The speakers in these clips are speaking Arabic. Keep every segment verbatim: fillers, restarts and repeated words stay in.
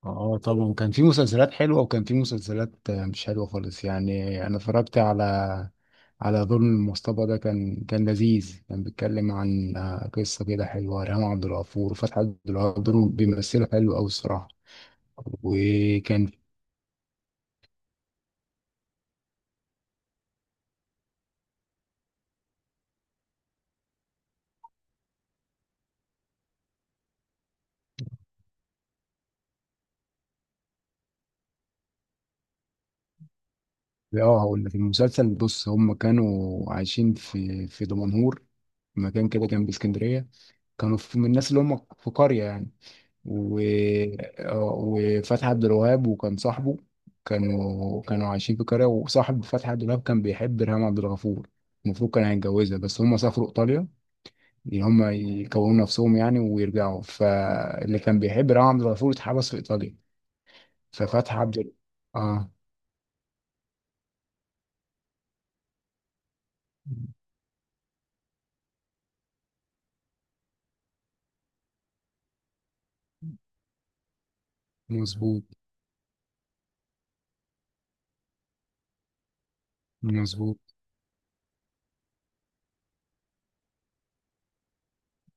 اه، طبعا كان في مسلسلات حلوة، وكان في مسلسلات آه، مش حلوة خالص. يعني انا اتفرجت على على ظلم المصطبة. ده كان كان لذيذ. كان بيتكلم عن آه، قصة كده حلوة. ريهام عبد الغفور وفتحي عبد الغفور بيمثلوا حلو أوي الصراحة. وكان اه هقول لك المسلسل. بص، هم كانوا عايشين في في دمنهور، مكان كده جنب اسكندرية. كانوا في من الناس اللي هم في قرية يعني و... آه، وفتحي عبد الوهاب وكان صاحبه. كانوا كانوا عايشين في قرية، وصاحب فتحي عبد الوهاب كان بيحب ريهام عبد الغفور. المفروض كان هيتجوزها، بس هم سافروا إيطاليا، إن هم يكونوا نفسهم يعني ويرجعوا. فاللي كان بيحب ريهام عبد الغفور اتحبس في إيطاليا. ففتحي عبد ال- اه مظبوط. مظبوط.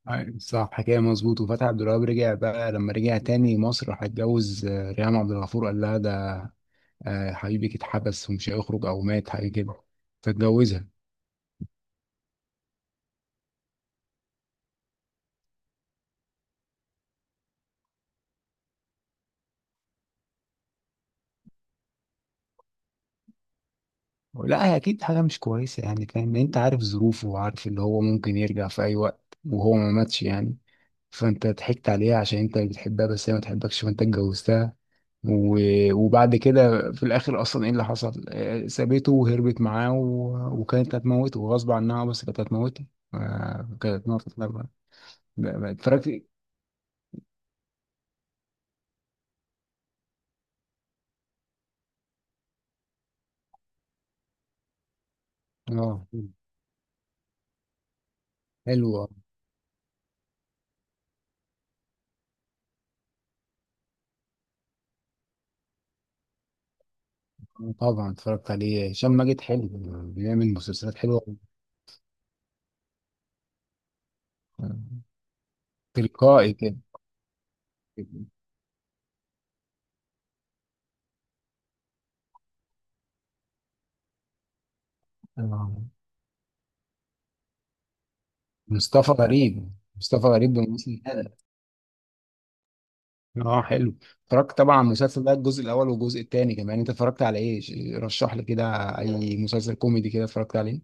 أيوة، صح، حكاية مظبوط. وفتحي عبد الوهاب رجع بقى. لما رجع تاني مصر راح اتجوز آه، ريهام عبد الغفور، قال لها آه، حبيبك اتحبس ومش هيخرج او مات حاجه كده، فتجوزها. لا، هي اكيد حاجه مش كويسه يعني، فاهم؟ لأن انت عارف ظروفه، وعارف اللي هو ممكن يرجع في اي وقت وهو ما ماتش يعني. فانت ضحكت عليها عشان انت بتحبها بس هي ما تحبكش، فانت اتجوزتها. و- وبعد كده في الاخر اصلا ايه اللي حصل؟ آه، سابته وهربت معاه، و... وكانت هتموته غصب عنها. بس كانت هتموته. آه، كانت هتموته. اتفرجت. اه، حلو. آه، طبعا اتفرجت عليه. هشام ماجد حلو، بيعمل مسلسلات حلوة. مم. تلقائي كده. آه. مصطفى غريب، مصطفى غريب بالممثل ده. اه، حلو. اتفرجت طبعا على المسلسل ده، الجزء الاول والجزء الثاني كمان. انت اتفرجت على ايه؟ ش- رشح لي كده اي مسلسل كوميدي كده اتفرجت عليه.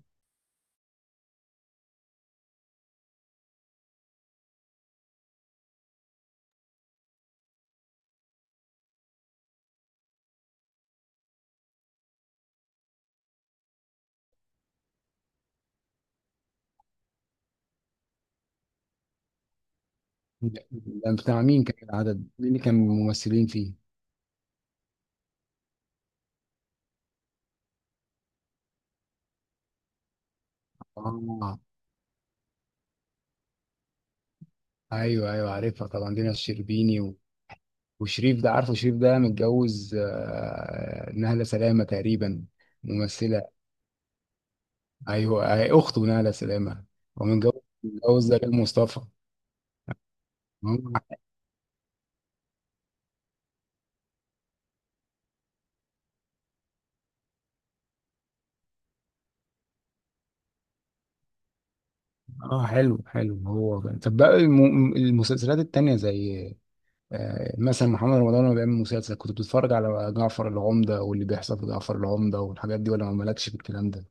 لا. ده بتاع مين؟ كان العدد مين اللي كان ممثلين فيه؟ اه، ايوه ايوه، عارفها طبعا دينا الشربيني و... وشريف ده عارفه. شريف ده متجوز آه، نهلة سلامة تقريبا، ممثلة. ايوه، هي اخته ناله سلامه. هو متجوز، متجوز دلال مصطفى. مم. اه، حلو حلو هو بقى. طب بقى الم- المسلسلات التانية زي آه مثلا محمد رمضان لما بيعمل مسلسل، كنت بتتفرج على جعفر العمدة واللي بيحصل في جعفر العمدة والحاجات دي، ولا ما مالكش في الكلام ده؟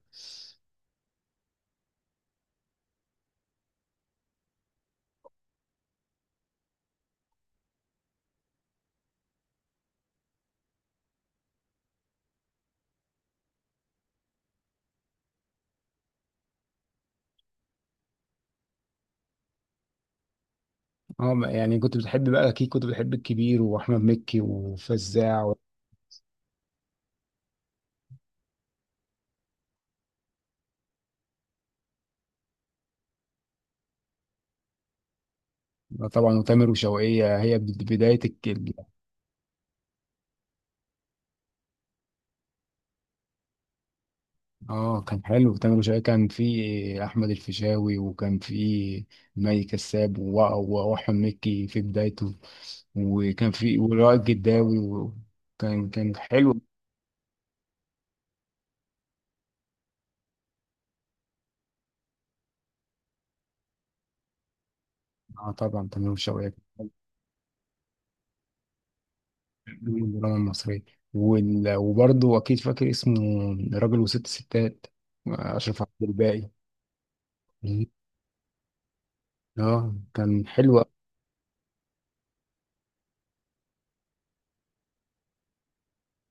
اه بقى، يعني كنت بتحب بقى، اكيد كنت بتحب الكبير واحمد مكي وفزاع و- طبعا وتامر وشوقية. هي بد- بداية. اه، كان حلو تامر وشقيقة. كان في احمد الفيشاوي، وكان في مي كساب و- و- واحمد مكي في بدايته، وكان في ولائد جداوي، وكان كان حلو. اه طبعا، تامر وشقيقة كان حلو من الدراما المصرية. وال- وبرضه اكيد فاكر اسمه راجل وست ستات، اشرف عبد الباقي. اه، كان حلو أوي.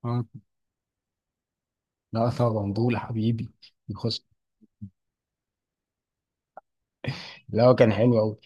اه، لا طبعا دول حبيبي. يخص. لا، كان حلو قوي.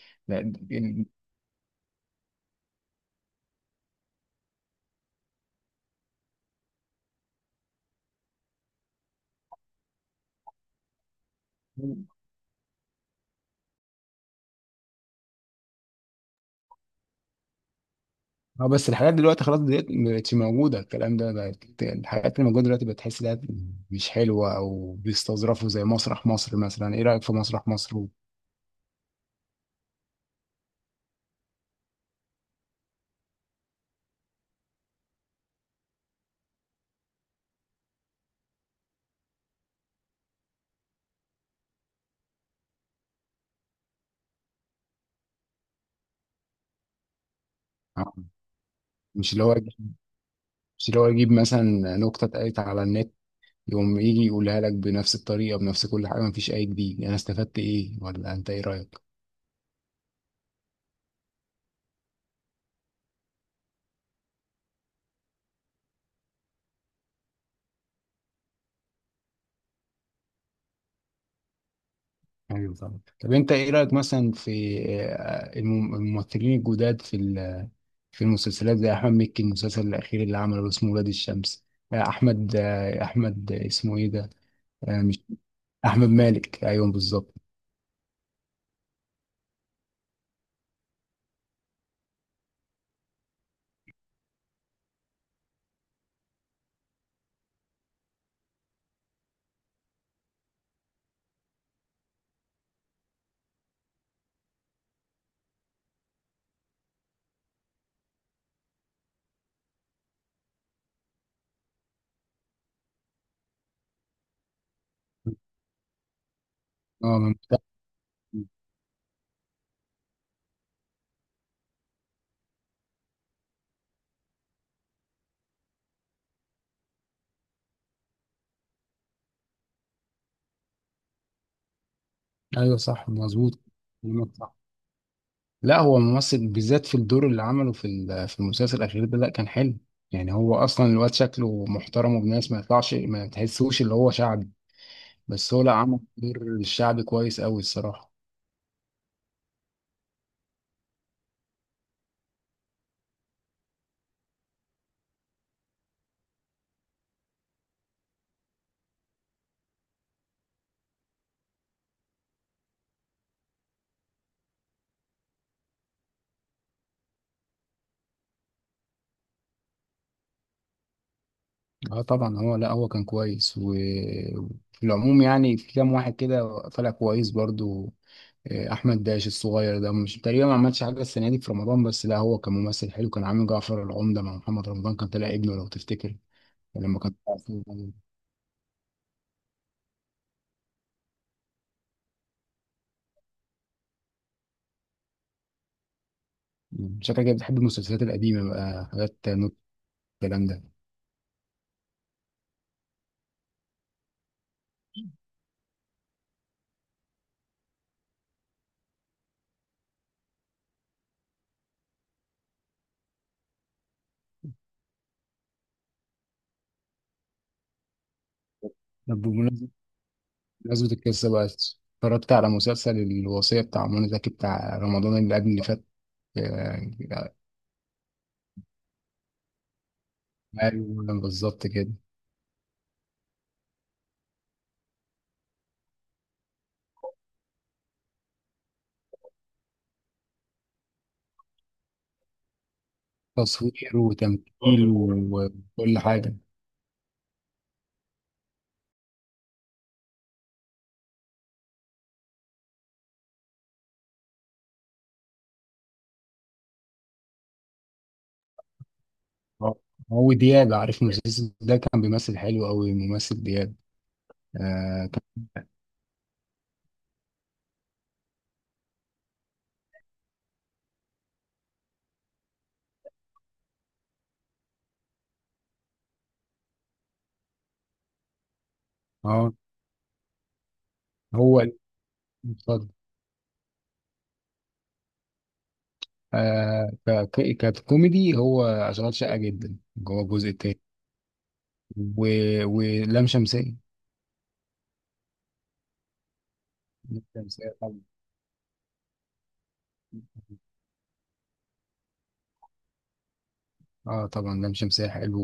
اه، بس الحاجات دلوقتي خلاص، دلوقتي مبقتش موجودة الكلام ده. بقت الحاجات اللي موجودة دلوقتي بتحس انها مش حلوة، او بيستظرفوا زي مسرح مصر مثلا. ايه رأيك في مسرح مصر؟ آه، مش اللي هو مش اللي هو يجيب مثلا نكتة اتقالت على النت، يقوم يجي يقولها لك بنفس الطريقة بنفس كل حاجة، مفيش اي جديد. يعني انا استفدت ايه؟ ولا انت ايه رأيك؟ ايوه طبعا. طب انت ايه رايك مثلا في آه، الم- الممثلين الجداد في ال- في المسلسلات زي احمد مكي، المسلسل الاخير اللي عمله اسمه ولاد الشمس؟ آه، احمد آه، احمد اسمه ايه ده؟ آه، مش احمد مالك، ايوه بالظبط. اه من- ايوه، صح مظبوط. كلامك صح. لا، هو ممثل بالذات في الدور اللي عمله في ال- في المسلسل الاخير ده، لا كان حلو. يعني هو اصلا الواد شكله محترم وابن ناس، ما يطلعش ما تحسوش اللي هو شعبي. بس هو لا، عمل دور الشعبي كويس قوي الصراحة. اه طبعا، هو لا هو كان كويس. وفي العموم يعني في كام واحد كده طلع كويس برضو. آه، احمد داش الصغير ده مش تقريبا ما عملش حاجة السنة دي في رمضان. بس لا، هو كممثل حلو. كان عامل جعفر العمدة مع محمد رمضان، كان طلع ابنه لو تفتكر لما كان طالع في رمضان. شكلك كده بتحب المسلسلات القديمة بقى، حاجات نوت الكلام ده. طب بمناسبة، بمناسبة القصة بقى، اتفرجت على مسلسل الوصية بتاع منى زكي بتاع رمضان اللي قبل اللي فات؟ آه، ايوه بالظبط كده. تصوير وتمثيل و- وكل حاجه. آه. هو دياب، عارف المسلسل ده كان بيمثل حلو قوي ممثل دياب. اه, كان- آه هو ال- اتفضل. آه ك- ك- ككوميدي هو اشغال شقه جدا جوه الجزء التاني. و... ولام شمسية. لام شمسية طبعا. اه طبعا، لام شمسية حلو.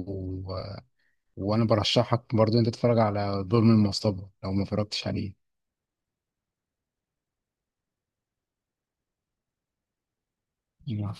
و... وانا برشحك برضو انت تتفرج على ظلم المصطبة لو ما اتفرجتش عليه